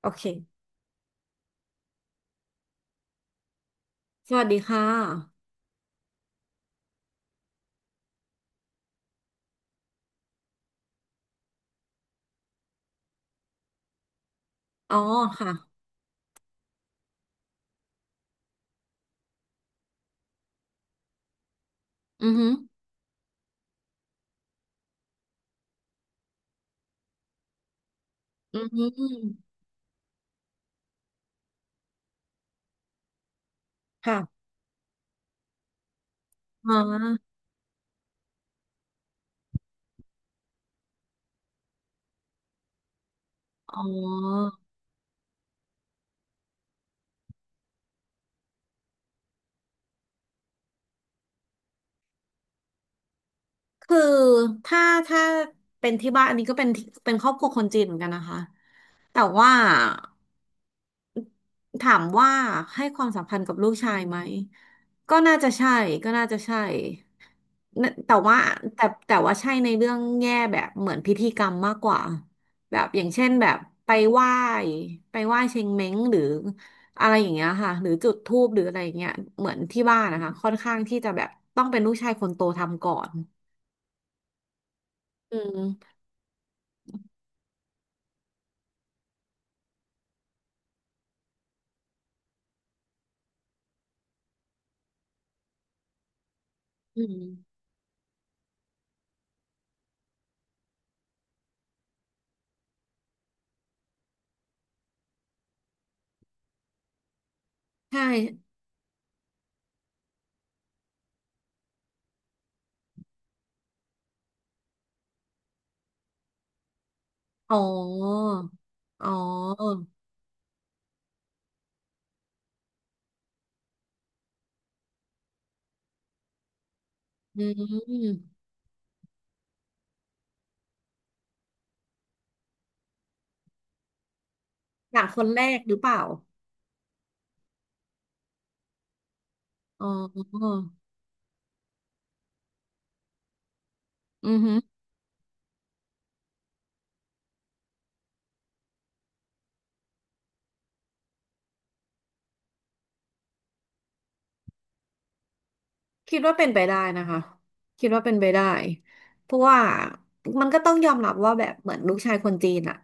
โอเค สวัสดีค่ะ อ๋อ ค่ะอือหืออือหือค่ะ อ๋ออ๋อ คือ ถ้า ถ้า เป็นที่บ้านอันนี้ก็เป็นที่เป็นครอบครัวคนจีนเหมือนกันนะคะ แต่ว่า ถามว่าให้ความสัมพันธ์กับลูกชายไหมก็น่าจะใช่ก็น่าจะใช่น่ะแต่ว่าใช่ในเรื่องแง่แบบเหมือนพิธีกรรมมากกว่าแบบอย่างเช่นแบบไปไหว้ไปไหว้เชงเม้งหรืออะไรอย่างเงี้ยค่ะหรือจุดธูปหรืออะไรอย่างเงี้ยเหมือนที่บ้านนะคะค่อนข้างที่จะแบบต้องเป็นลูกชายคนโตทำก่อนอืมอืมใช่อ๋ออ๋ออืมหนางคนแรกหรือเปล่า อ๋ออือฮึ คิดว่าเป็นไปได้นะคะคิดว่าเป็นไปได้เพราะว่ามันก็ต้องยอมรับว่าแบบเหมือนลูกชายคนจีนอ่ะ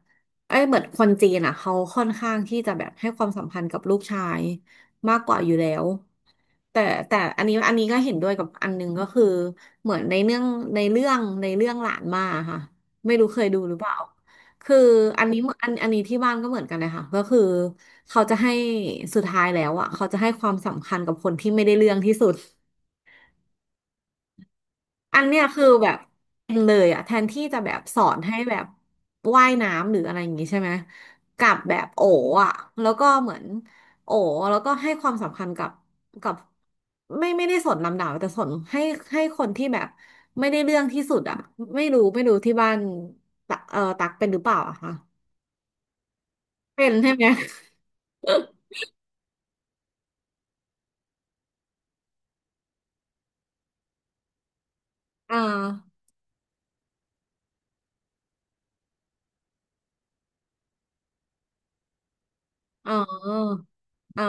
ไอ้ยเหมือนคนจีนอ่ะเขาค่อนข้างที่จะแบบให้ความสำคัญกับลูกชายมากกว่าอยู่แล้วแต่แต่อันนี้ก็เห็นด้วยกับอันหนึงก็คือเหมือนในเรื่องในเรื่องในเรื่องหลานมาค่ะไม่รู้เคยดูหรือเปล่าคืออันนี้เหมือนอันนี้ที่บ้านก็เหมือนกันเลยค่ะก็คือเขาจะให้สุดท้ายแล้วอ่ะเขาจะให้ความสำคัญกับคนที่ไม่ได้เรื่องที่สุด อันเนี้ยคือแบบเป็นเลยอะแทนที่จะแบบสอนให้แบบว่ายน้ำหรืออะไรอย่างงี้ใช่ไหมกลับแบบโอ๋อะแล้วก็เหมือนโอ๋แล้วก็ให้ความสำคัญกับกับไม่ได้สนลำดับแต่สนให้ให้คนที่แบบไม่ได้เรื่องที่สุดอะไม่รู้ที่บ้านตักเป็นหรือเปล่าอะคะเป็นใช่ไหม อ่าอ๋ออ๋อ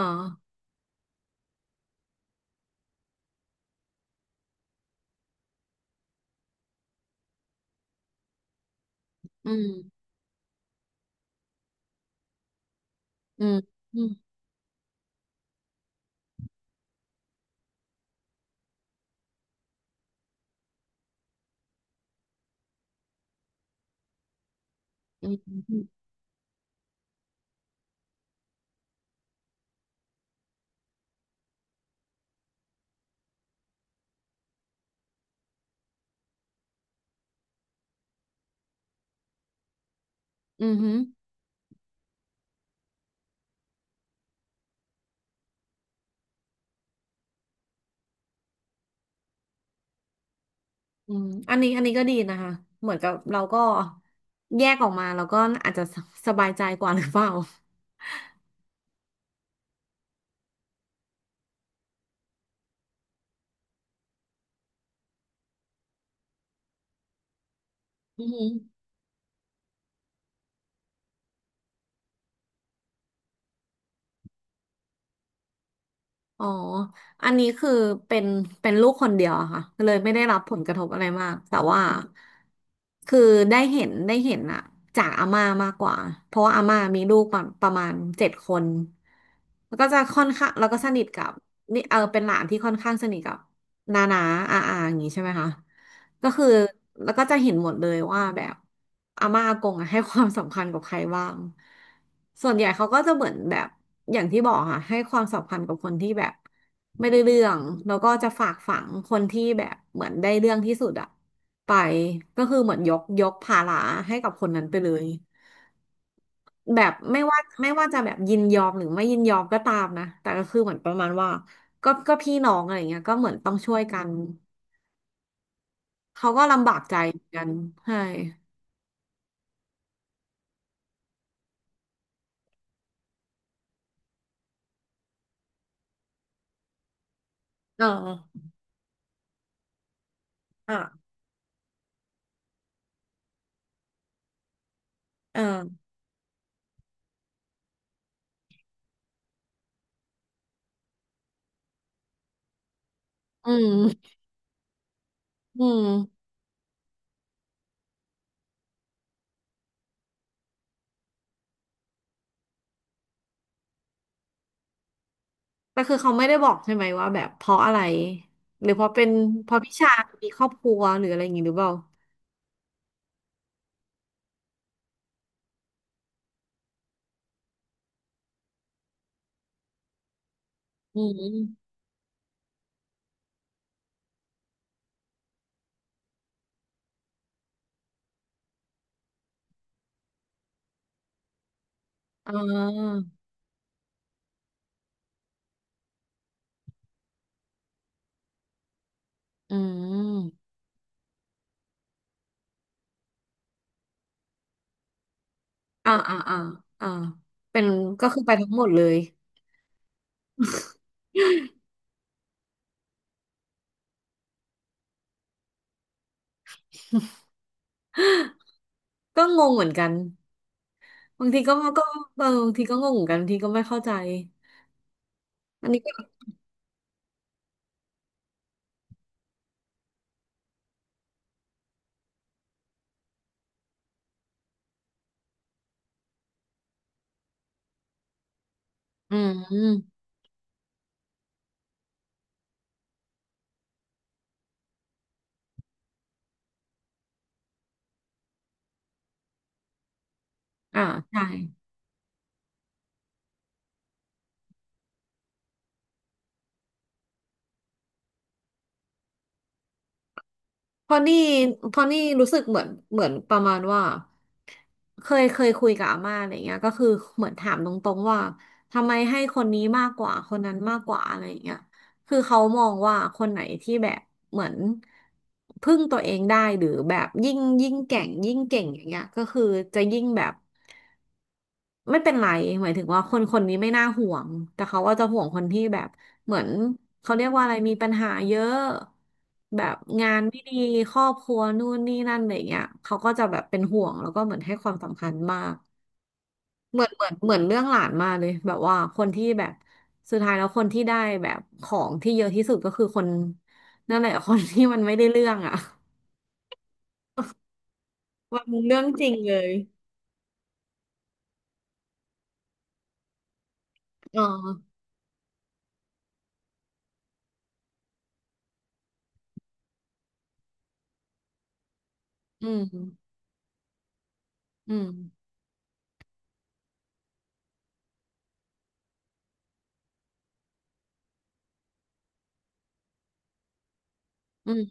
อืมอืมอืมอืมอืมอืม อืมอันนี้อันนี้ก็ดีนะคะเหมือนกับเราก็แยกออกมาแล้วก็อาจจะสบายใจกว่าหรือเปล่าอือหืออ๋ออันนี้คือเป็นเป็นลูกคนเดียวอะค่ะเลยไม่ได้รับผลกระทบอะไรมากแต่ว่าคือได้เห็นอะจากอาม่ามากกว่าเพราะว่าอาม่ามีลูกประประมาณเจ็ดคนแล้วก็จะค่อนข้างแล้วก็สนิทกับนี่เป็นหลานที่ค่อนข้างสนิทกับ หนาๆาอาอาอย่างงี้ใช่ไหมคะก็คือแล้วก็จะเห็นหมดเลยว่าแบบอาม่าอากงอะ ให้ความสำคัญกับใครบ้าง ส่วนใหญ่เขาก็จะเหมือนแบบอย่างที่บอกค่ะให้ความสำคัญกับคนที่แบบไม่ได้เรื่อง แล้วก็จะฝากฝังคนที่แบบเหมือนได้เรื่องที่สุดอะไป ก็คือเหมือนยกภาระให้กับคนนั้นไปเลยแบบไม่ว่าจะแบบยินยอมหรือไม่ยินยอมก็ตามนะ แต่ก็คือเหมือนประมาณว่าก็พี่น้องอะไรเงี้ยก็เหมือนต้องช่วยกัน เขาก็ลำบากใจเหมือนกันใช่เอ๋ออ่ะเอ่าอืมอืมแต่คือเขาไม่ได้บอกใช่ไหมว่าแบบเพราะอะไรหรือเพราะเป็นเพราะพี่ชายมีครอบครัวหรืออะไรอย่างงี้หรือเปล่าอืมอ่าอืมอ่าอ่าอ่าอ่าเป็นก็คือไปทั้งหมดเลยก็งงเหมือนกัน บางทีก็เออบางทีก็งงเหมือนกันบางทีก็ไม่เข้าใจอันนี้ก็อืมอ่าใช่ พอนี่พอนี่รู้สึกเหมือนเหมือนประมาณว่าเคยคุยกับอาม่าอะไรเงี้ยก็คือเหมือนถามตรงๆว่าทำไมให้คนนี้มากกว่าคนนั้นมากกว่าอะไรเงี้ยคือเขามองว่าคนไหนที่แบบเหมือนพึ่งตัวเองได้หรือแบบยิ่งแก่งยิ่งเก่งอย่างเงี้ยก็คือจะยิ่งแบบ ไม่เป็นไรหมายถึงว่าคนคนนี้ไม่น่าห่วงแต่เขาก็จะห่วงคนที่แบบเหมือนเขาเรียกว่าอะไรมีปัญหาเยอะแบบงานไม่ดีครอบครัวนู่นนี่นั่นอะไรอย่างเงี้ยเขาก็จะแบบเป็นห่วงแล้วก็เหมือนให้ความสำคัญมากเหมือนเรื่องหลานมาเลยแบบว่าคนที่แบบสุดท้ายแล้วคนที่ได้แบบของที่เยอะที่สุดก็คือคนนั่นแหละ คนที่มันไม่ได้เรื่องอ่ะ ว่ามันเรื่องจริงเลยอ๋ออืมอืมอืม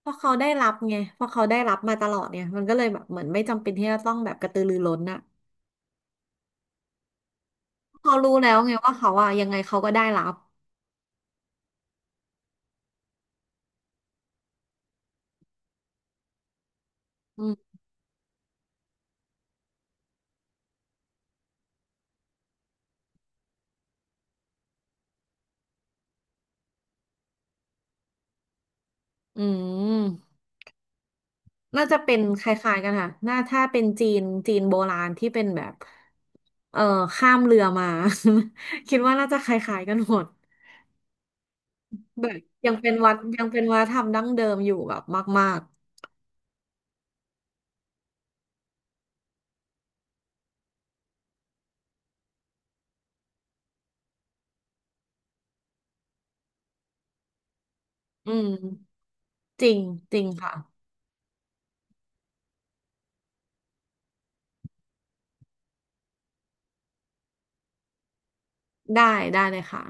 เพราะเขาได้รับไงเพราะเขาได้รับมาตลอดเนี่ยมันก็เลยแบบเหมือนไม่จำเป็นที่จะต้องแบบกระตือรือร้นนะเขารู้แล้วไงว่าเขาอะยังไงเขาก็ได้รับอืมอืม น่าจะเป็นคล้ายๆกันค่ะ น่าถ้าเป็นจีนจีนโบราณที่เป็นแบบเอ่อ ข้ามเรือมา คิดว่าน่าจะคล้ายๆกันหมดแบบยังเป็นวัดยังเป็นวัฒนธรรมดั้งเดิมอยู่แบบมากๆอืมจริงจริงค่ะ ได้ได้เลยค่ะ